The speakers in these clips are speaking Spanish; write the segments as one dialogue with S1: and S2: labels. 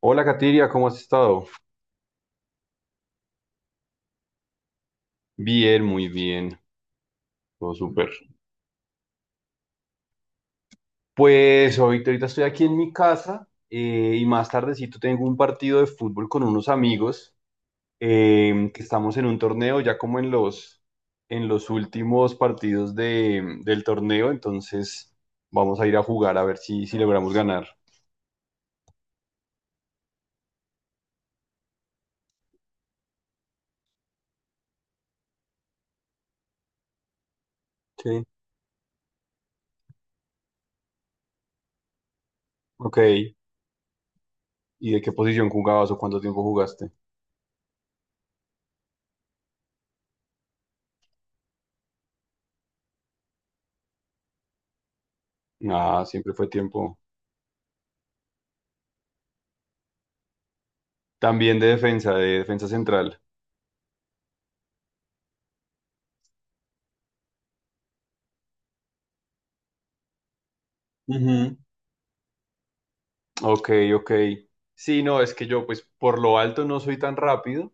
S1: Hola, Katiria, ¿cómo has estado? Bien, muy bien, todo súper. Pues ahorita estoy aquí en mi casa y más tardecito tengo un partido de fútbol con unos amigos que estamos en un torneo ya como en en los últimos partidos del torneo, entonces vamos a ir a jugar a ver si logramos ganar. Sí. Ok, ¿y de qué posición jugabas o cuánto tiempo jugaste? Ah, siempre fue tiempo. También de defensa central. Ujú. Ok, ok. Sí, no, es que yo pues por lo alto no soy tan rápido.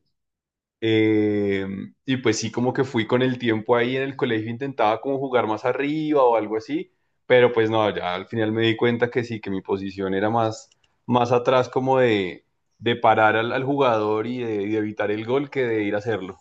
S1: eh, y pues sí, como que fui con el tiempo ahí en el colegio, intentaba como jugar más arriba o algo así, pero pues no, ya al final me di cuenta que sí, que mi posición era más atrás como de parar al jugador y de evitar el gol que de ir a hacerlo.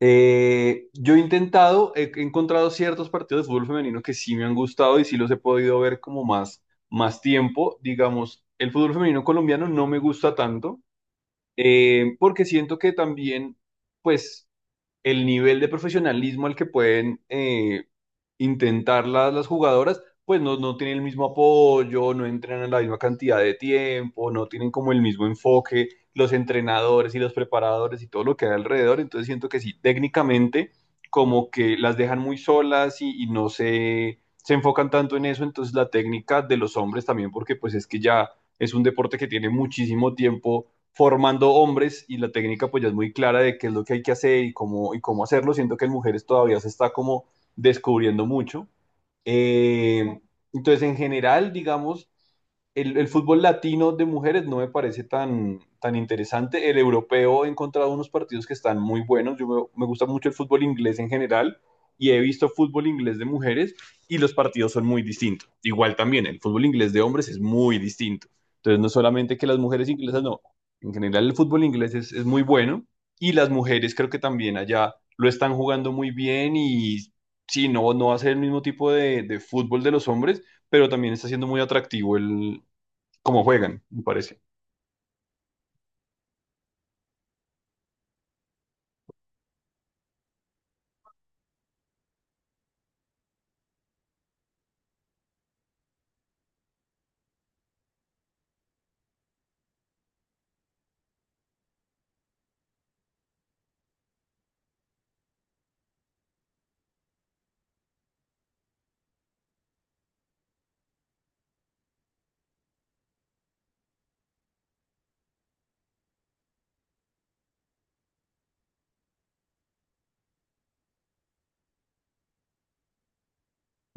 S1: Yo he intentado, he encontrado ciertos partidos de fútbol femenino que sí me han gustado y sí los he podido ver como más tiempo. Digamos, el fútbol femenino colombiano no me gusta tanto, porque siento que también, pues, el nivel de profesionalismo al que pueden intentar las jugadoras, pues no, no tienen el mismo apoyo, no entrenan la misma cantidad de tiempo, no tienen como el mismo enfoque, los entrenadores y los preparadores y todo lo que hay alrededor. Entonces siento que sí, técnicamente como que las dejan muy solas y no se enfocan tanto en eso. Entonces la técnica de los hombres también, porque pues es que ya es un deporte que tiene muchísimo tiempo formando hombres y la técnica pues ya es muy clara de qué es lo que hay que hacer y cómo hacerlo. Siento que en mujeres todavía se está como descubriendo mucho. Eh, entonces, en general, digamos, el fútbol latino de mujeres no me parece tan interesante. El europeo he encontrado unos partidos que están muy buenos. Yo me gusta mucho el fútbol inglés en general y he visto fútbol inglés de mujeres y los partidos son muy distintos. Igual también el fútbol inglés de hombres es muy distinto. Entonces no es solamente que las mujeres inglesas no, en general el fútbol inglés es muy bueno y las mujeres creo que también allá lo están jugando muy bien y sí, no, no va a ser el mismo tipo de fútbol de los hombres, pero también está siendo muy atractivo el, como juegan, me parece.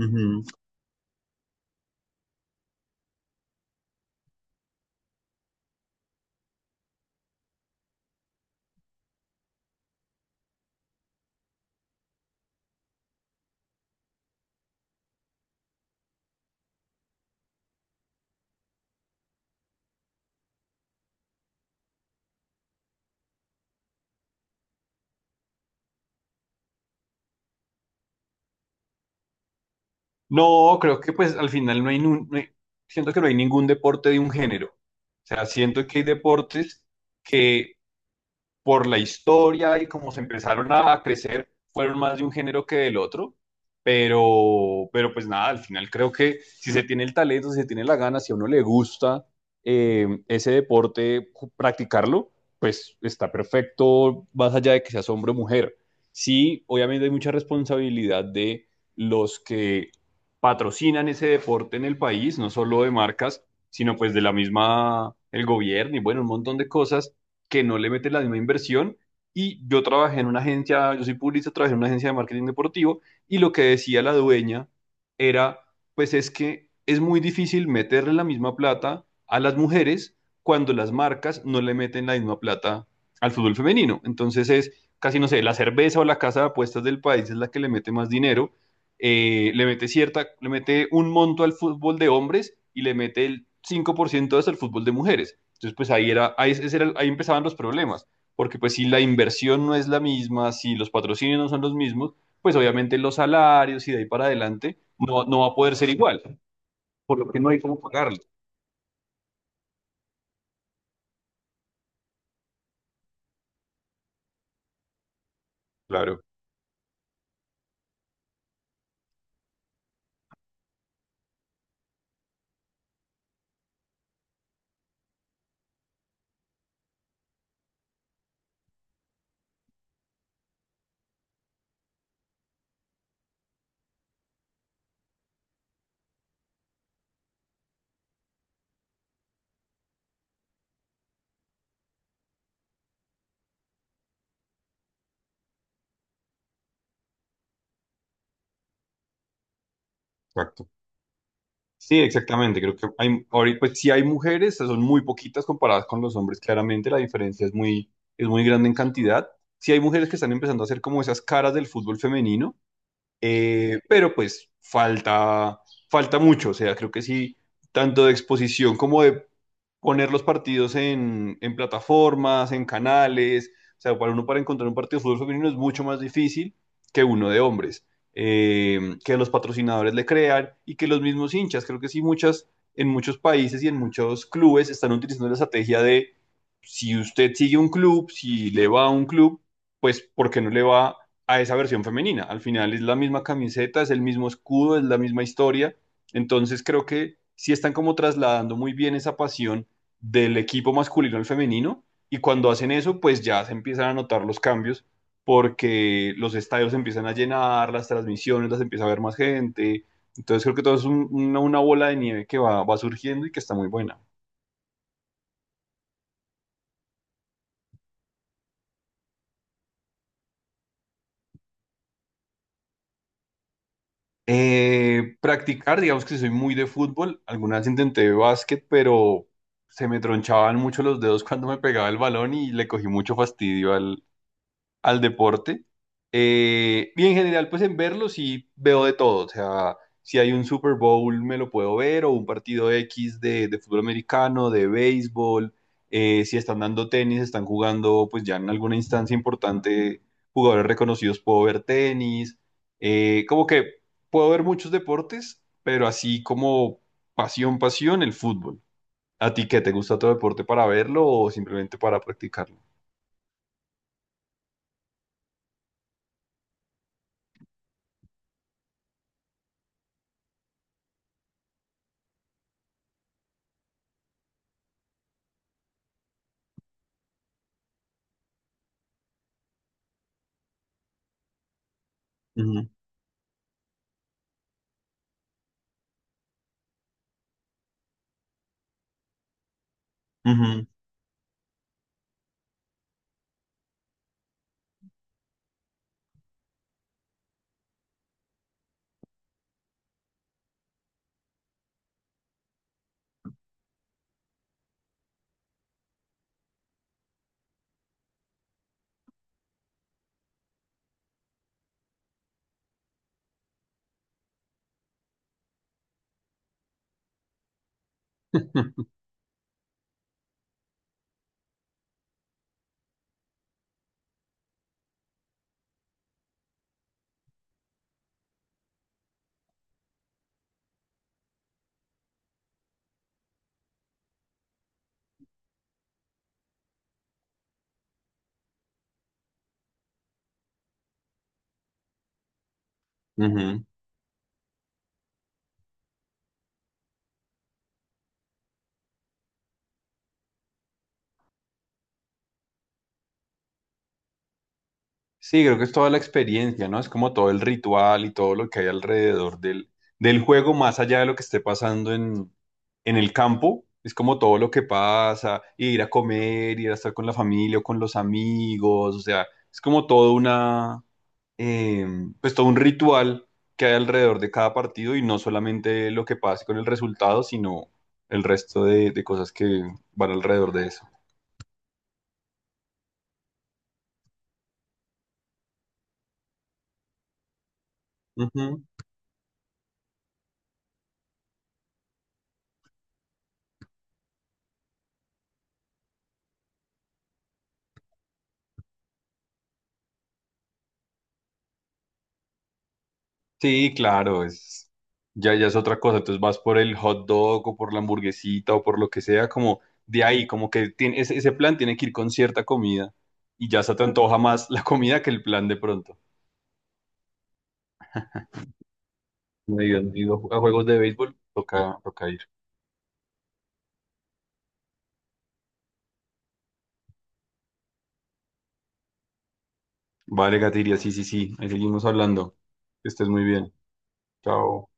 S1: Ujú. No, creo que pues al final no hay, siento que no hay ningún deporte de un género. O sea, siento que hay deportes que por la historia y como se empezaron a crecer, fueron más de un género que del otro. Pero pues nada, al final creo que si se tiene el talento, si se tiene la gana, si a uno le gusta ese deporte, practicarlo, pues está perfecto, más allá de que seas hombre o mujer. Sí, obviamente hay mucha responsabilidad de los que patrocinan ese deporte en el país, no solo de marcas, sino pues de la misma, el gobierno y bueno, un montón de cosas que no le meten la misma inversión. Y yo trabajé en una agencia, yo soy publicista, trabajé en una agencia de marketing deportivo y lo que decía la dueña era, pues es que es muy difícil meterle la misma plata a las mujeres cuando las marcas no le meten la misma plata al fútbol femenino. Entonces es casi, no sé, la cerveza o la casa de apuestas del país es la que le mete más dinero, le mete un monto al fútbol de hombres y le mete el 5% hasta el fútbol de mujeres. Entonces, pues ahí, era, ahí, ese era, ahí empezaban los problemas, porque pues si la inversión no es la misma, si los patrocinios no son los mismos, pues obviamente los salarios y de ahí para adelante no, no va a poder ser igual, por lo que no hay cómo pagarlo. Claro, exacto. Sí, exactamente. Creo que hay, ahorita, pues sí hay mujeres, son muy poquitas comparadas con los hombres, claramente la diferencia es muy, grande en cantidad. Sí hay mujeres que están empezando a hacer como esas caras del fútbol femenino. Pero pues falta mucho, o sea, creo que sí, tanto de exposición como de poner los partidos en plataformas, en canales. O sea, para uno para encontrar un partido de fútbol femenino es mucho más difícil que uno de hombres. Que los patrocinadores le crean y que los mismos hinchas, creo que sí, en muchos países y en muchos clubes están utilizando la estrategia de si usted sigue un club, si le va a un club, pues ¿por qué no le va a esa versión femenina? Al final es la misma camiseta, es el mismo escudo, es la misma historia. Entonces creo que sí están como trasladando muy bien esa pasión del equipo masculino al femenino y cuando hacen eso, pues ya se empiezan a notar los cambios porque los estadios se empiezan a llenar, las transmisiones las empieza a ver más gente. Entonces creo que todo es una bola de nieve que va surgiendo y que está muy buena. Practicar, digamos que soy muy de fútbol. Alguna vez intenté básquet, pero se me tronchaban mucho los dedos cuando me pegaba el balón y le cogí mucho fastidio al deporte. Y en general, pues en verlo sí veo de todo. O sea, si hay un Super Bowl me lo puedo ver, o un partido X de fútbol americano, de béisbol. Si están dando tenis, están jugando, pues ya en alguna instancia importante, jugadores reconocidos, puedo ver tenis. Como que puedo ver muchos deportes, pero así como pasión, pasión, el fútbol. ¿A ti qué te gusta otro deporte para verlo o simplemente para practicarlo? Ujú, ujú, ujú. Sí, creo que es toda la experiencia, ¿no? Es como todo el ritual y todo lo que hay alrededor del juego, más allá de lo que esté pasando en, el campo. Es como todo lo que pasa, ir a comer, ir a estar con la familia o con los amigos, o sea, es como todo una, eh, pues todo un ritual que hay alrededor de cada partido y no solamente lo que pase con el resultado, sino el resto de cosas que van alrededor de eso. Ujú. Sí, claro, es ya, ya es otra cosa. Entonces vas por el hot dog o por la hamburguesita o por lo que sea, como de ahí, como que tiene, ese plan tiene que ir con cierta comida y ya se te antoja más la comida que el plan de pronto. Me digan, he ido a juegos de béisbol, toca, toca ir. Vale, Gatiria, sí, sí, sí, ahí seguimos hablando. Que estés muy bien. Chao.